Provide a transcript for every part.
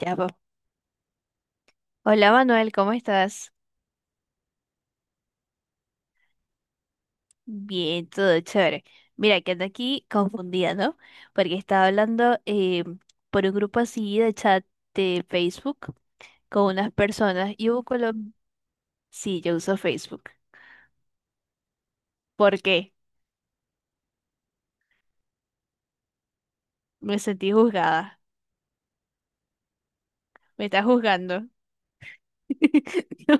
Ya, po. Hola Manuel, ¿cómo estás? Bien, todo chévere. Mira, que ando aquí confundida, ¿no? Porque estaba hablando por un grupo así de chat de Facebook con unas personas y hubo colo... Sí, yo uso Facebook. ¿Por qué? Me sentí juzgada. Me estás juzgando. No,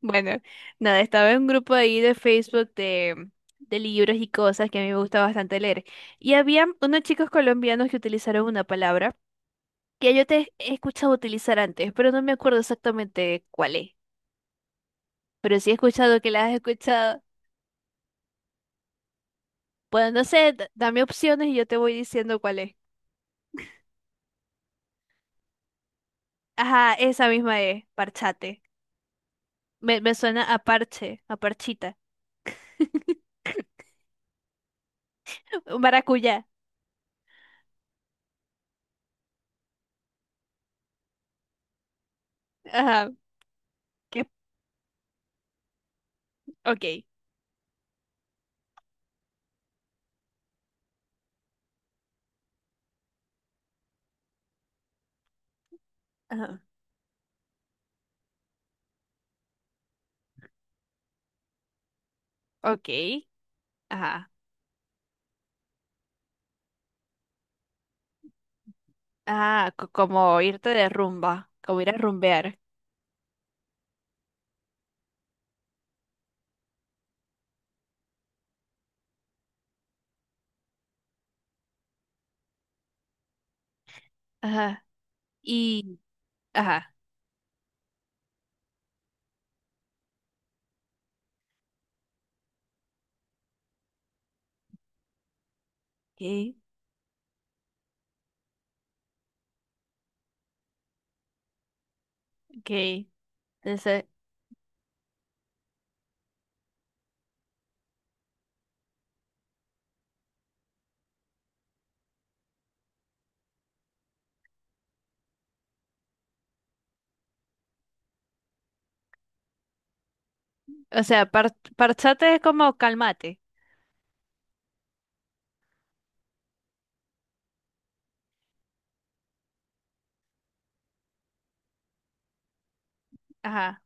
bueno, nada, estaba en un grupo ahí de Facebook de libros y cosas que a mí me gusta bastante leer. Y había unos chicos colombianos que utilizaron una palabra que yo te he escuchado utilizar antes, pero no me acuerdo exactamente cuál es. Pero sí he escuchado que la has escuchado. Pues no sé, dame opciones y yo te voy diciendo cuál es. Ajá, esa misma es, parchate. Me suena a parche, a parchita. Maracuyá. Ajá, que, ok. Ajá, ok. Ajá. Ah, como irte de rumba, como ir a rumbear. Ajá. Y, ajá. Ok, ok. Entonces, o sea, parchate es como calmate. Ajá.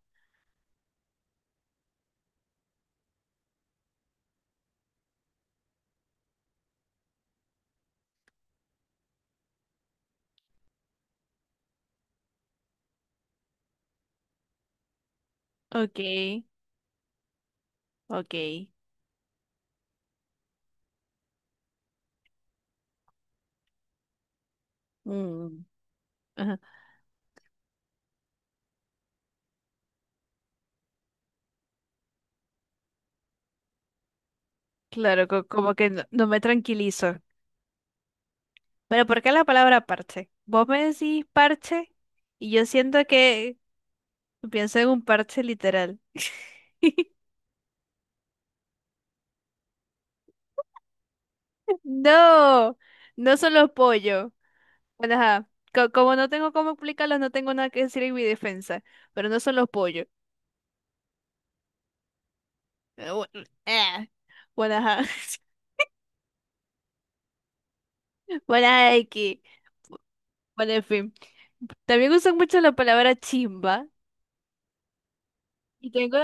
Okay, okay. Mm, ajá. Claro, como que no, no me tranquilizo. Pero ¿por qué la palabra parche? Vos me decís parche y yo siento que pienso en un parche literal. No, no son los pollos. Bueno, ajá. Como no tengo cómo explicarlos, no tengo nada que decir en mi defensa. Pero no son los pollos. Eh, bu- eh. Bueno, ajá. Bueno, ajá, X. Bueno, en fin. También usan mucho la palabra chimba. Y tengo,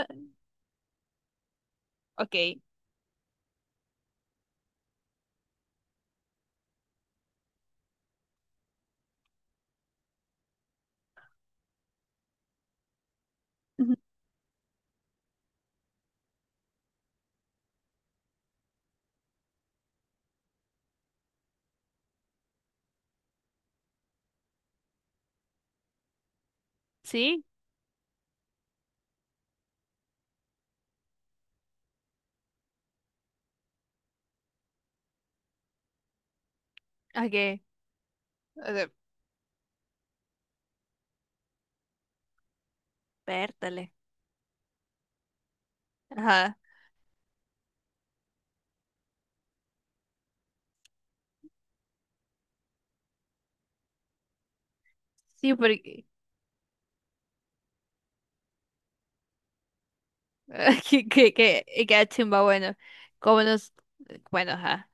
ok, ujú. ¿Sí? ¿A qué? O sea, pértale. Ajá. Sí, porque y queda chimba, bueno. Como nos. Bueno, ajá.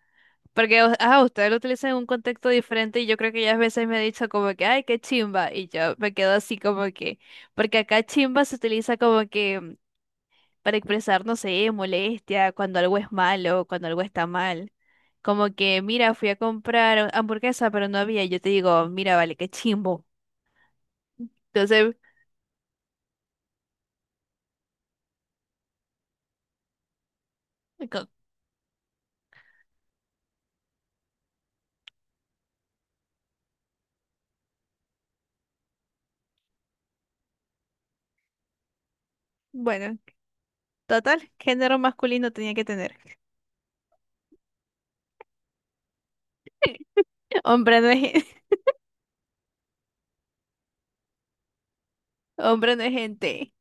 Porque ajá, usted lo utiliza en un contexto diferente y yo creo que ya a veces me ha dicho como que, ay, qué chimba. Y yo me quedo así como que. Porque acá chimba se utiliza como que para expresar, no sé, molestia, cuando algo es malo, cuando algo está mal. Como que, mira, fui a comprar hamburguesa, pero no había. Yo te digo, mira, vale, qué chimbo. Entonces, co- bueno, total, género masculino tenía que tener. Hombre no es, hombre no es gente,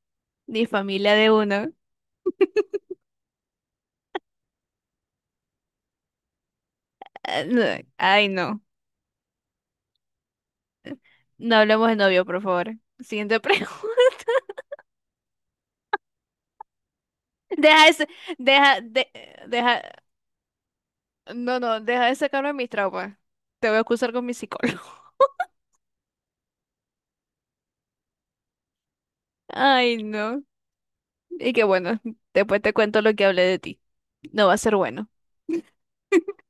ni familia de uno. Ah, no, ay, no. No hablemos de novio, por favor. Siguiente pregunta. Deja ese, deja, de- deja, no, no, deja de sacarme mis traumas. Te voy a acusar con mi psicólogo. Ay, no. Y que bueno, después te cuento lo que hablé de ti. No va a ser bueno.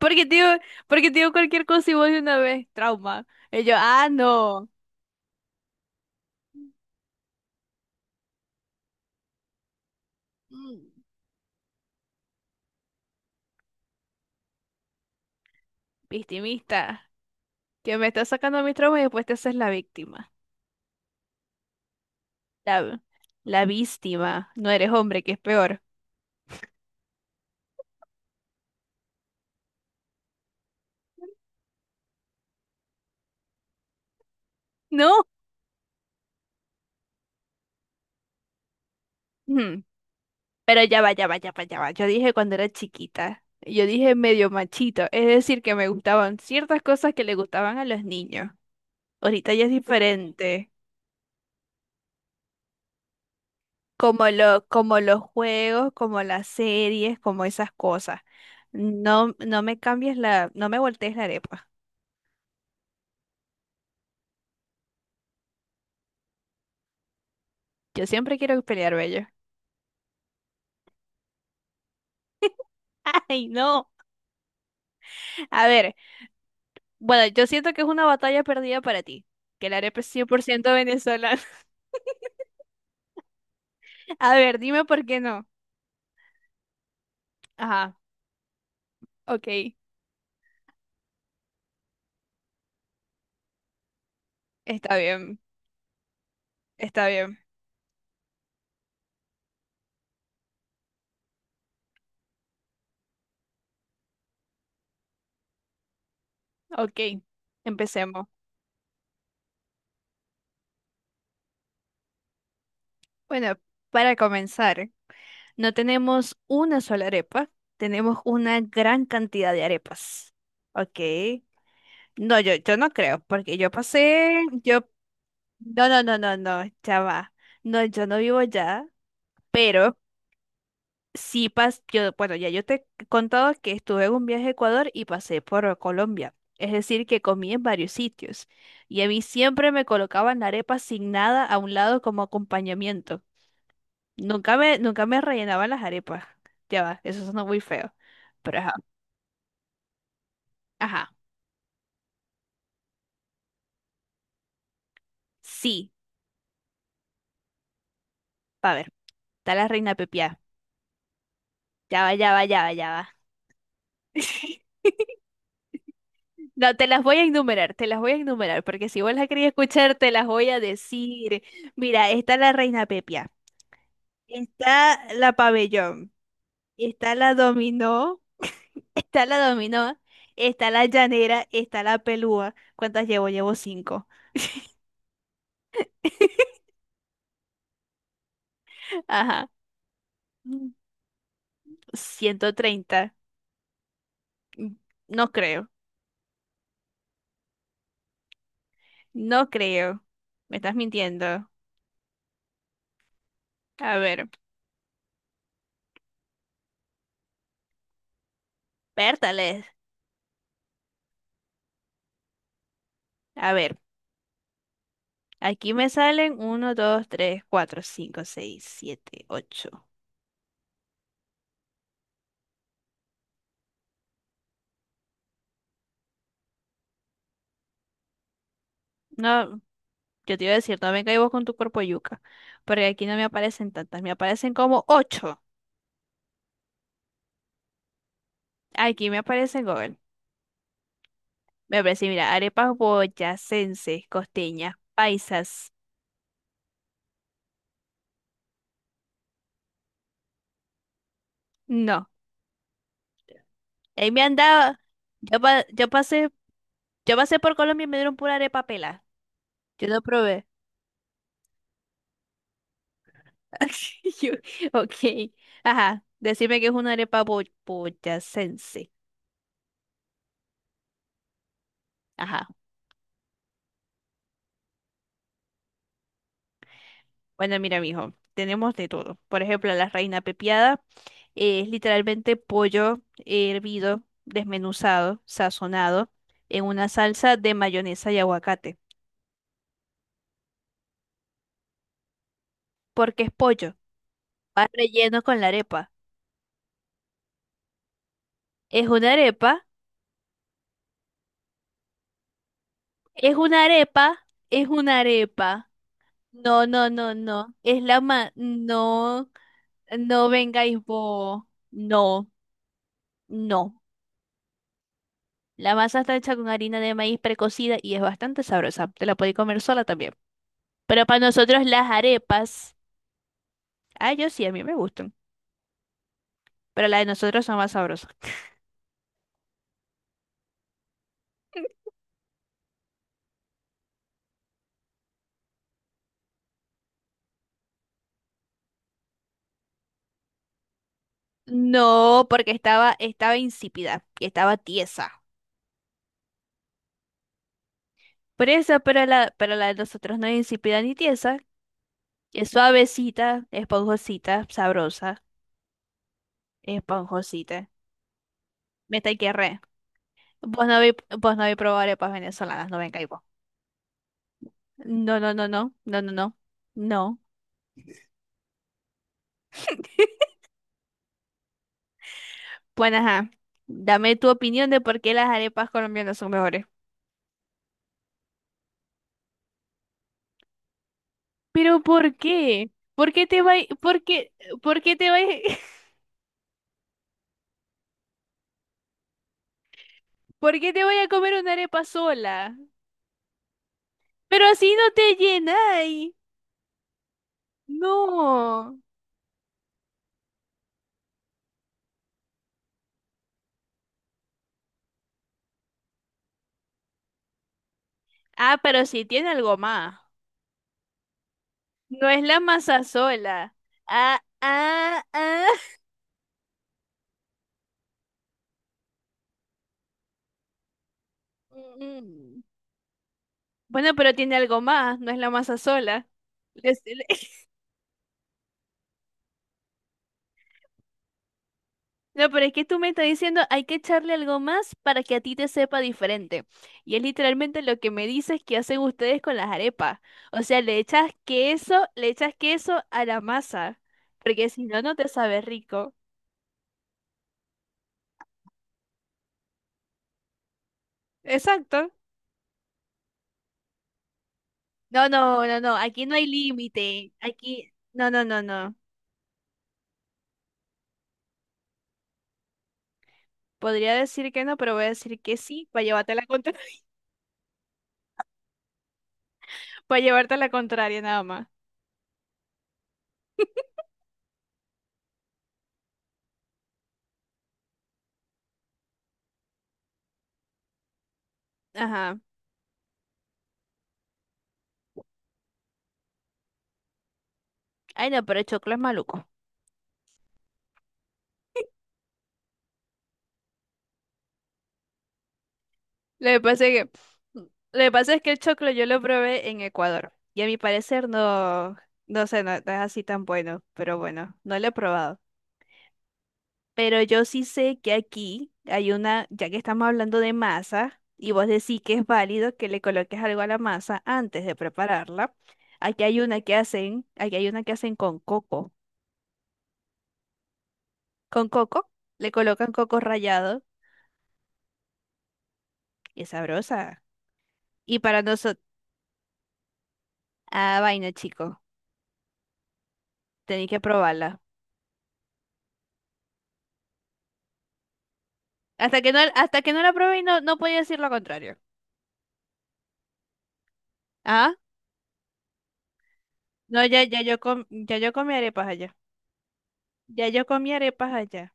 Porque te digo, porque te digo cualquier cosa y vos de una vez, trauma. Y yo, ah, no. Mm, victimista. Que me estás sacando mis traumas y después te haces la víctima. La, la víctima. No eres hombre, que es peor. No. Mm, pero ya va, ya va, ya va, ya va. Yo dije cuando era chiquita. Yo dije medio machito. Es decir, que me gustaban ciertas cosas que le gustaban a los niños. Ahorita ya es diferente. Como los juegos, como las series, como esas cosas. No, no me cambies la, no me voltees la arepa. Yo siempre quiero pelear, bello. Ay, no. A ver, bueno, yo siento que es una batalla perdida para ti, que la arepa es cien por ciento venezolana. A ver, dime por qué no. Ajá, ok, está bien, está bien, ok, empecemos. Bueno, para comenzar. No tenemos una sola arepa, tenemos una gran cantidad de arepas. Ok. No, yo no creo, porque yo pasé, yo, no, no, no, no, no, ya va. No, yo no vivo ya, pero sí pas, yo, bueno, ya yo te he contado que estuve en un viaje a Ecuador y pasé por Colombia. Es decir, que comí en varios sitios. Y a mí siempre me colocaban la arepa sin nada a un lado como acompañamiento. Nunca me rellenaban las arepas. Ya va, eso suena muy feo. Pero ajá. Ajá. Sí. A ver, está la reina Pepiá. Ya va, ya va, ya va, ya va. No, te las voy a enumerar, te las voy a enumerar, porque si vos las querías escuchar, te las voy a decir. Mira, está la reina Pepiá. Está la pabellón. Está la dominó. Está la dominó. Está la llanera. Está la pelúa. ¿Cuántas llevo? Llevo cinco. Ajá. 130. No creo. No creo. Me estás mintiendo. A ver, pértales. A ver, aquí me salen uno, 2, 3, 4, 5, 6, 7, 8. No, yo te iba a decir, no venga y vos con tu cuerpo yuca. Porque aquí no me aparecen tantas, me aparecen como 8. Aquí me aparecen Google. Me aparece, mira, arepas boyacenses, costeñas, paisas. No. Ahí me han dado. Yo, pa- yo pasé, yo pasé por Colombia y me dieron pura arepa pela. Yo no probé. Yo- ok, ajá, decime que es una arepa boyacense. Ajá, bueno, mira, mijo, tenemos de todo. Por ejemplo, la reina pepiada es literalmente pollo hervido, desmenuzado, sazonado en una salsa de mayonesa y aguacate. Porque es pollo, va relleno con la arepa. Es una arepa, es una arepa. No, no vengáis vos. No. No, la masa está hecha con harina de maíz precocida y es bastante sabrosa. Te la podéis comer sola también. Pero para nosotros las arepas, ah, yo sí, a mí me gustan, pero las de nosotros son más sabrosas. No, porque estaba insípida y estaba tiesa. Por eso, pero la de nosotros no es insípida ni tiesa. Es suavecita, esponjosita, sabrosa, esponjosita. Me está querré. Re. Vos no habéis, vos no habéis probado arepas venezolanas, no vengáis vos. No, no, no, no, no, no, no. No. Bueno, ajá, dame tu opinión de por qué las arepas colombianas son mejores. Pero ¿por qué? ¿Por qué te vai, por qué te vai, por qué te voy a comer una arepa sola? Pero así no te llenáis. No. Ah, pero sí tiene algo más. No es la masa sola. Ah, ah, ah. Mm, mm. Bueno, pero tiene algo más, no es la masa sola. No, pero es que tú me estás diciendo, hay que echarle algo más para que a ti te sepa diferente. Y es literalmente lo que me dices que hacen ustedes con las arepas. O sea, le echas queso a la masa, porque si no, no te sabe rico. Exacto. No, no, no, no, aquí no hay límite. Aquí, no, no, no, no. Podría decir que no, pero voy a decir que sí, para llevarte la para llevarte la contraria nada más. Ajá. Ay, no, pero el choclo es maluco. Lo que pasa es que, lo que pasa es que el choclo yo lo probé en Ecuador y a mi parecer no, no sé, no, no es así tan bueno, pero bueno, no lo he probado. Pero yo sí sé que aquí hay una, ya que estamos hablando de masa y vos decís que es válido que le coloques algo a la masa antes de prepararla, aquí hay una que hacen con coco. Con coco le colocan coco rallado y es sabrosa. Y para nosotros, ah, vaina, chico, tenéis que probarla. Hasta que no la probé y no, no podía decir lo contrario. Ah, no, ya, ya yo comí arepas allá. Ya yo comí arepas allá.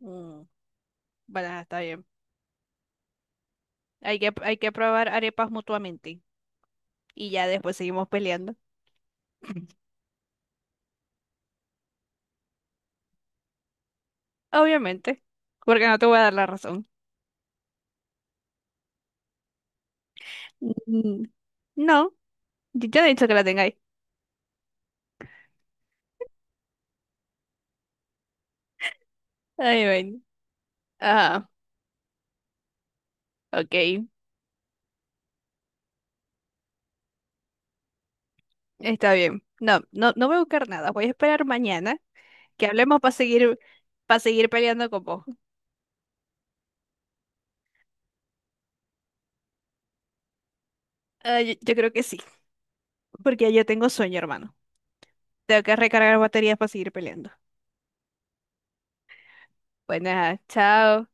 Mm, bueno, ajá, está bien. Hay que probar arepas mutuamente. Y ya después seguimos peleando. Obviamente. Porque no te voy a dar la razón. Mm, no, yo ya no he dicho que la tengáis. Ay, bueno. Ah, ok. Está bien. No, no, no voy a buscar nada. Voy a esperar mañana que hablemos para seguir peleando con vos. Ah, yo yo creo que sí, porque ya tengo sueño, hermano. Tengo que recargar baterías para seguir peleando. Bueno, chao.